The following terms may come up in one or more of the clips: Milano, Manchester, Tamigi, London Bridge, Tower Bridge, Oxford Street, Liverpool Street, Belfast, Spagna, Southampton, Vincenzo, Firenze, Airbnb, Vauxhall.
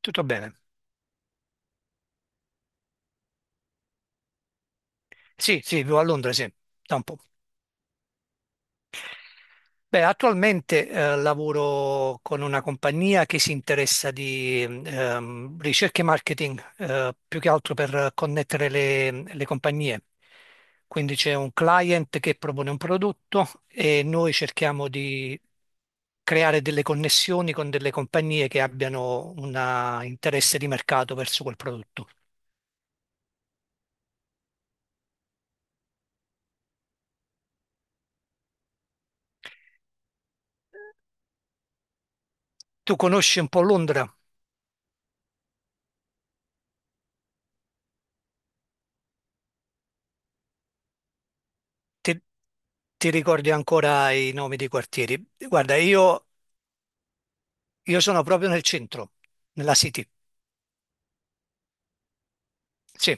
Tutto bene. Sì, sì, vivo a Londra, sì, da un po'. Beh, attualmente lavoro con una compagnia che si interessa di ricerca e marketing, più che altro per connettere le compagnie. Quindi c'è un client che propone un prodotto e noi cerchiamo di creare delle connessioni con delle compagnie che abbiano un interesse di mercato verso quel prodotto. Tu conosci un po' Londra? Ti, ti ricordi ancora i nomi dei quartieri? Guarda, io sono proprio nel centro, nella City. Sì,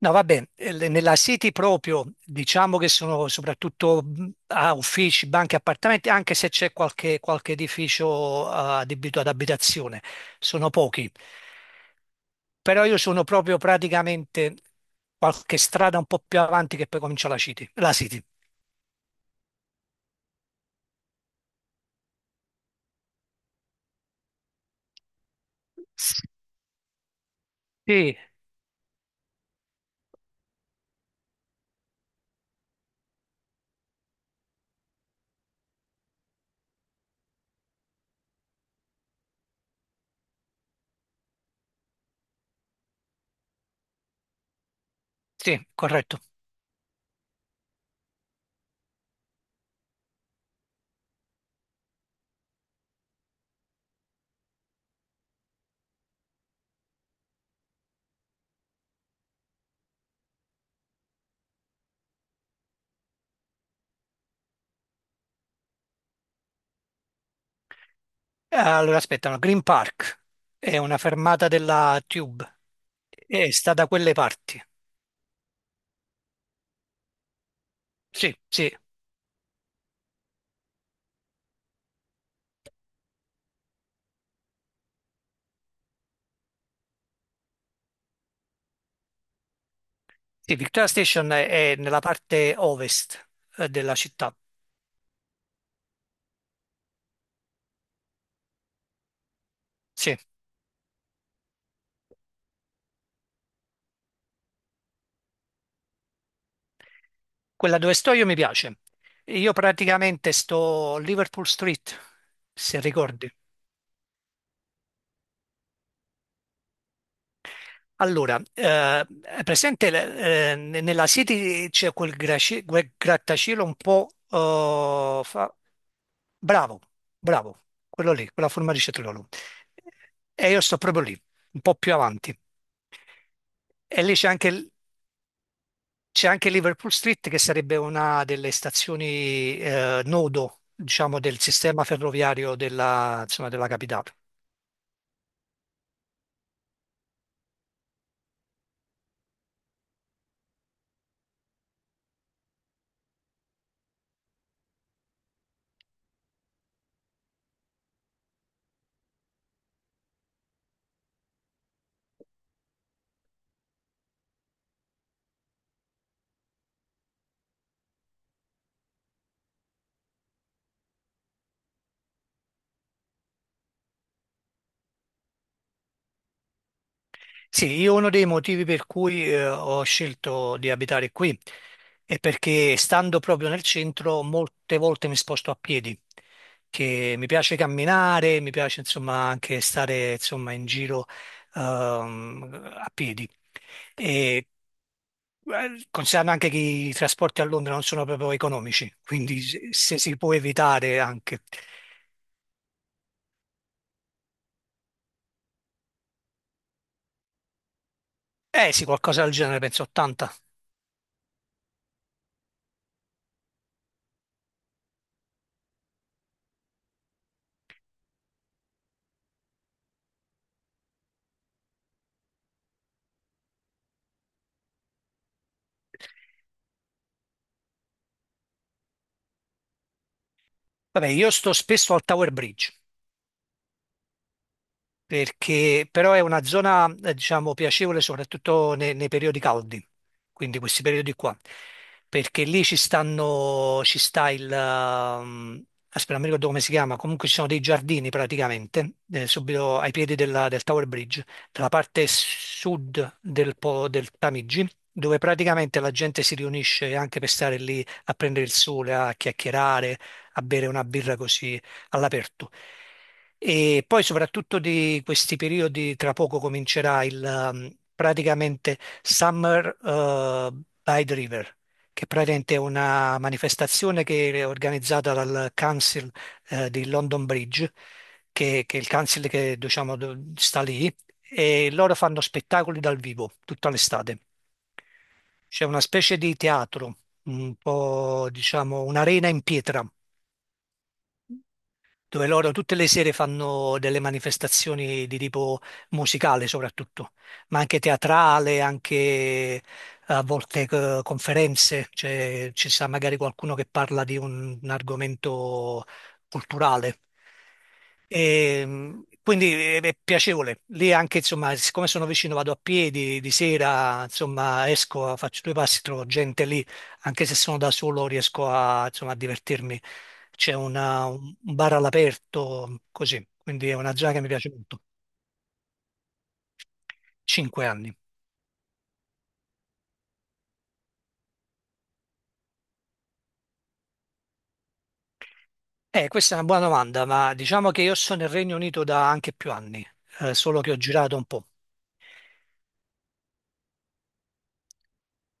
no, vabbè, nella City proprio diciamo che sono soprattutto a uffici, banche, appartamenti, anche se c'è qualche edificio adibito ad abitazione, sono pochi. Però io sono proprio praticamente qualche strada un po' più avanti che poi comincia la City. La City. Sì, sì, corretto. Allora, aspetta, no, Green Park è una fermata della Tube, e sta da quelle parti. Sì, sì, sì, Victoria Station è nella parte ovest della città. Sì, quella dove sto io mi piace. Io praticamente sto Liverpool Street, se ricordi. Allora, è presente nella City c'è quel grattacielo un po'. Bravo, bravo, quello lì, quella forma di cetriolo. E io sto proprio lì, un po' più avanti. E lì c'è anche Liverpool Street, che sarebbe una delle stazioni nodo, diciamo, del sistema ferroviario insomma, della capitale. Sì, io uno dei motivi per cui ho scelto di abitare qui e perché stando proprio nel centro, molte volte mi sposto a piedi, che mi piace camminare, mi piace insomma anche stare insomma in giro a piedi. E considerando anche che i trasporti a Londra non sono proprio economici, quindi se si può evitare anche. Eh sì, qualcosa del genere, penso 80. Vabbè, io sto spesso al Tower Bridge. Perché però è una zona, diciamo, piacevole soprattutto nei periodi caldi, quindi questi periodi qua, perché lì ci stanno, ci sta il, aspetta, non mi ricordo come si chiama, comunque ci sono dei giardini praticamente, subito ai piedi del Tower Bridge, dalla parte sud del Tamigi, dove praticamente la gente si riunisce anche per stare lì a prendere il sole, a chiacchierare, a bere una birra così all'aperto. E poi soprattutto di questi periodi, tra poco comincerà il praticamente Summer by the River, che praticamente è una manifestazione che è organizzata dal Council di London Bridge, che è il council che diciamo sta lì, e loro fanno spettacoli dal vivo tutta l'estate. C'è una specie di teatro, un po' diciamo un'arena in pietra dove loro tutte le sere fanno delle manifestazioni di tipo musicale soprattutto, ma anche teatrale, anche a volte conferenze, cioè ci sarà magari qualcuno che parla di un argomento culturale. E quindi è piacevole. Lì anche, insomma, siccome sono vicino, vado a piedi di sera, insomma, esco, faccio due passi, trovo gente lì, anche se sono da solo, riesco insomma, a divertirmi. C'è un bar all'aperto, così. Quindi è una zona che mi piace molto. 5 anni. Questa è una buona domanda, ma diciamo che io sono nel Regno Unito da anche più anni, solo che ho girato un po'.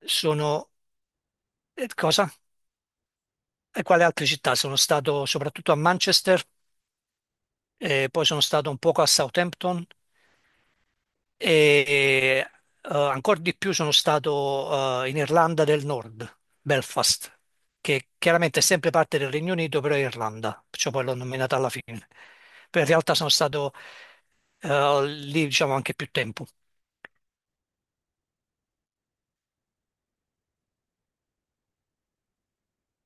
Sono... Cosa? E quale altre città? Sono stato soprattutto a Manchester, e poi sono stato un poco a Southampton e ancora di più sono stato in Irlanda del Nord, Belfast, che chiaramente è sempre parte del Regno Unito, però è Irlanda, perciò poi l'ho nominata alla fine. Però in realtà sono stato lì diciamo anche più tempo.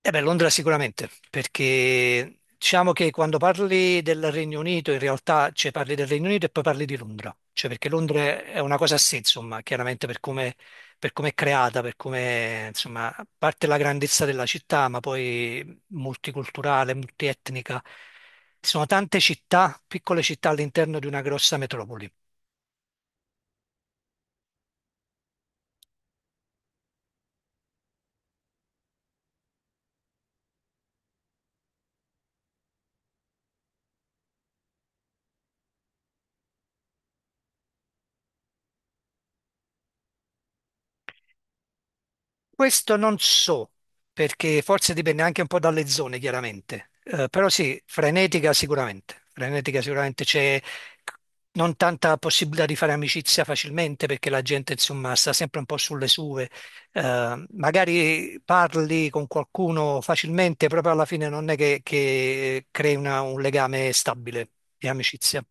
Eh beh, Londra sicuramente, perché diciamo che quando parli del Regno Unito, in realtà cioè, parli del Regno Unito e poi parli di Londra, cioè perché Londra è una cosa a sé, insomma, chiaramente per come è creata, per come, insomma, a parte la grandezza della città, ma poi multiculturale, multietnica. Ci sono tante città, piccole città all'interno di una grossa metropoli. Questo non so, perché forse dipende anche un po' dalle zone, chiaramente. Però sì, frenetica sicuramente. Frenetica sicuramente c'è non tanta possibilità di fare amicizia facilmente perché la gente, insomma, sta sempre un po' sulle sue. Magari parli con qualcuno facilmente, proprio alla fine non è che crei un legame stabile di amicizia.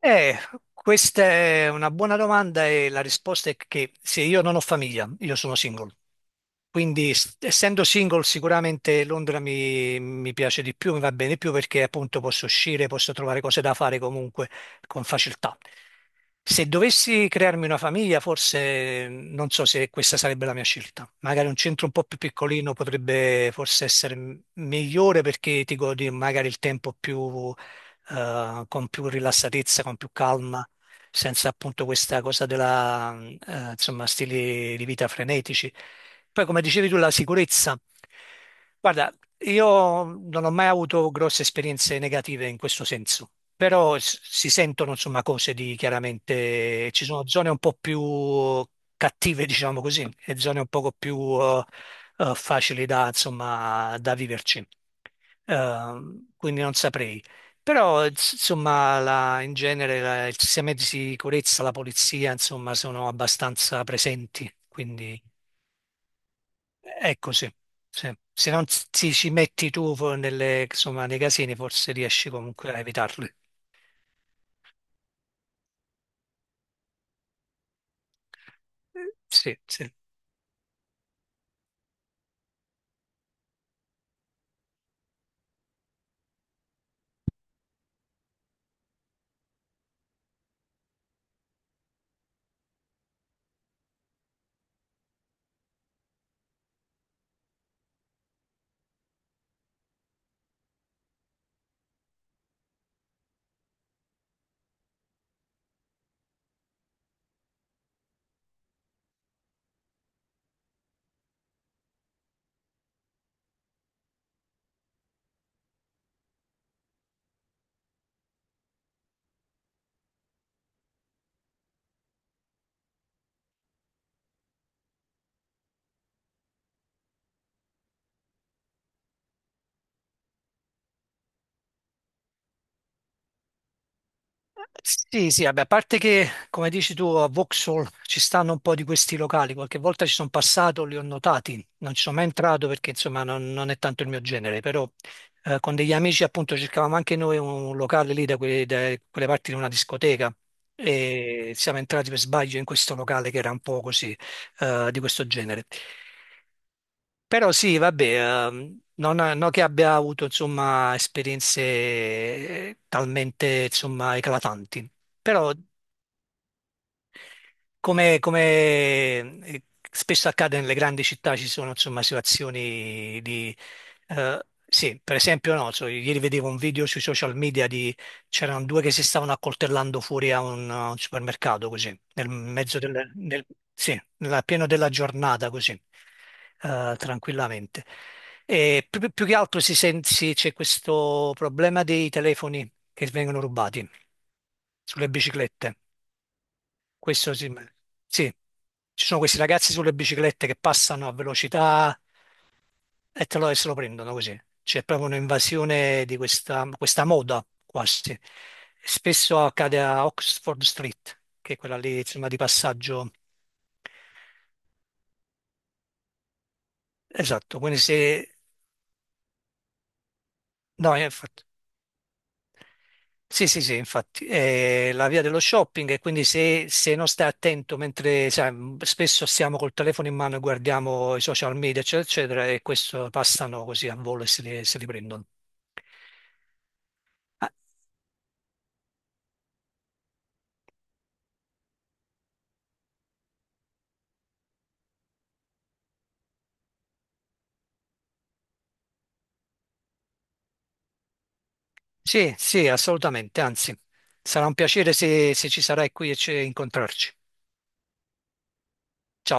Eh, questa è una buona domanda e la risposta è che se io non ho famiglia, io sono single. Quindi essendo single sicuramente Londra mi piace di più, mi va bene di più perché appunto posso uscire, posso trovare cose da fare comunque con facilità. Se dovessi crearmi una famiglia, forse non so se questa sarebbe la mia scelta. Magari un centro un po' più piccolino potrebbe forse essere migliore perché ti godi magari il tempo più con più rilassatezza, con più calma, senza appunto questa cosa della, insomma, stili di vita frenetici. Poi, come dicevi tu, la sicurezza. Guarda, io non ho mai avuto grosse esperienze negative in questo senso, però si sentono insomma cose di chiaramente ci sono zone un po' più cattive, diciamo così, e zone un poco più facili da insomma da viverci. Quindi non saprei. Però insomma in genere i sistemi di sicurezza, la polizia insomma sono abbastanza presenti, quindi è così. Sì. Se non ti ci metti tu insomma, nei casini forse riesci comunque a evitarli. Sì, sì. Sì, sì, vabbè, a parte che, come dici tu, a Vauxhall ci stanno un po' di questi locali, qualche volta ci sono passato, li ho notati, non ci sono mai entrato perché insomma non è tanto il mio genere, però con degli amici appunto cercavamo anche noi un locale lì da quelle parti di una discoteca e siamo entrati per sbaglio in questo locale che era un po' così di questo genere. Però sì, vabbè, non che abbia avuto insomma, esperienze talmente insomma, eclatanti, però come, spesso accade nelle grandi città ci sono insomma situazioni di. Eh, sì, per esempio no, so, ieri vedevo un video sui social media di. C'erano due che si stavano accoltellando fuori a un supermercato così. Nel mezzo del... nel- Sì, pieno della giornata così, tranquillamente. E più che altro c'è questo problema dei telefoni che vengono rubati sulle biciclette. Questo sì, sì. Ci sono questi ragazzi sulle biciclette che passano a velocità e se lo prendono così. C'è proprio un'invasione di questa moda quasi. Spesso accade a Oxford Street, che è quella lì, insomma, di passaggio. Esatto, quindi se. No, infatti. Sì, sì, sì, infatti, è la via dello shopping e quindi se non stai attento mentre sai, spesso siamo col telefono in mano e guardiamo i social media, eccetera, eccetera, e questo passano così a volo e se li prendono. Ah, sì, sì, assolutamente, anzi, sarà un piacere se ci sarai qui e ci incontrarci.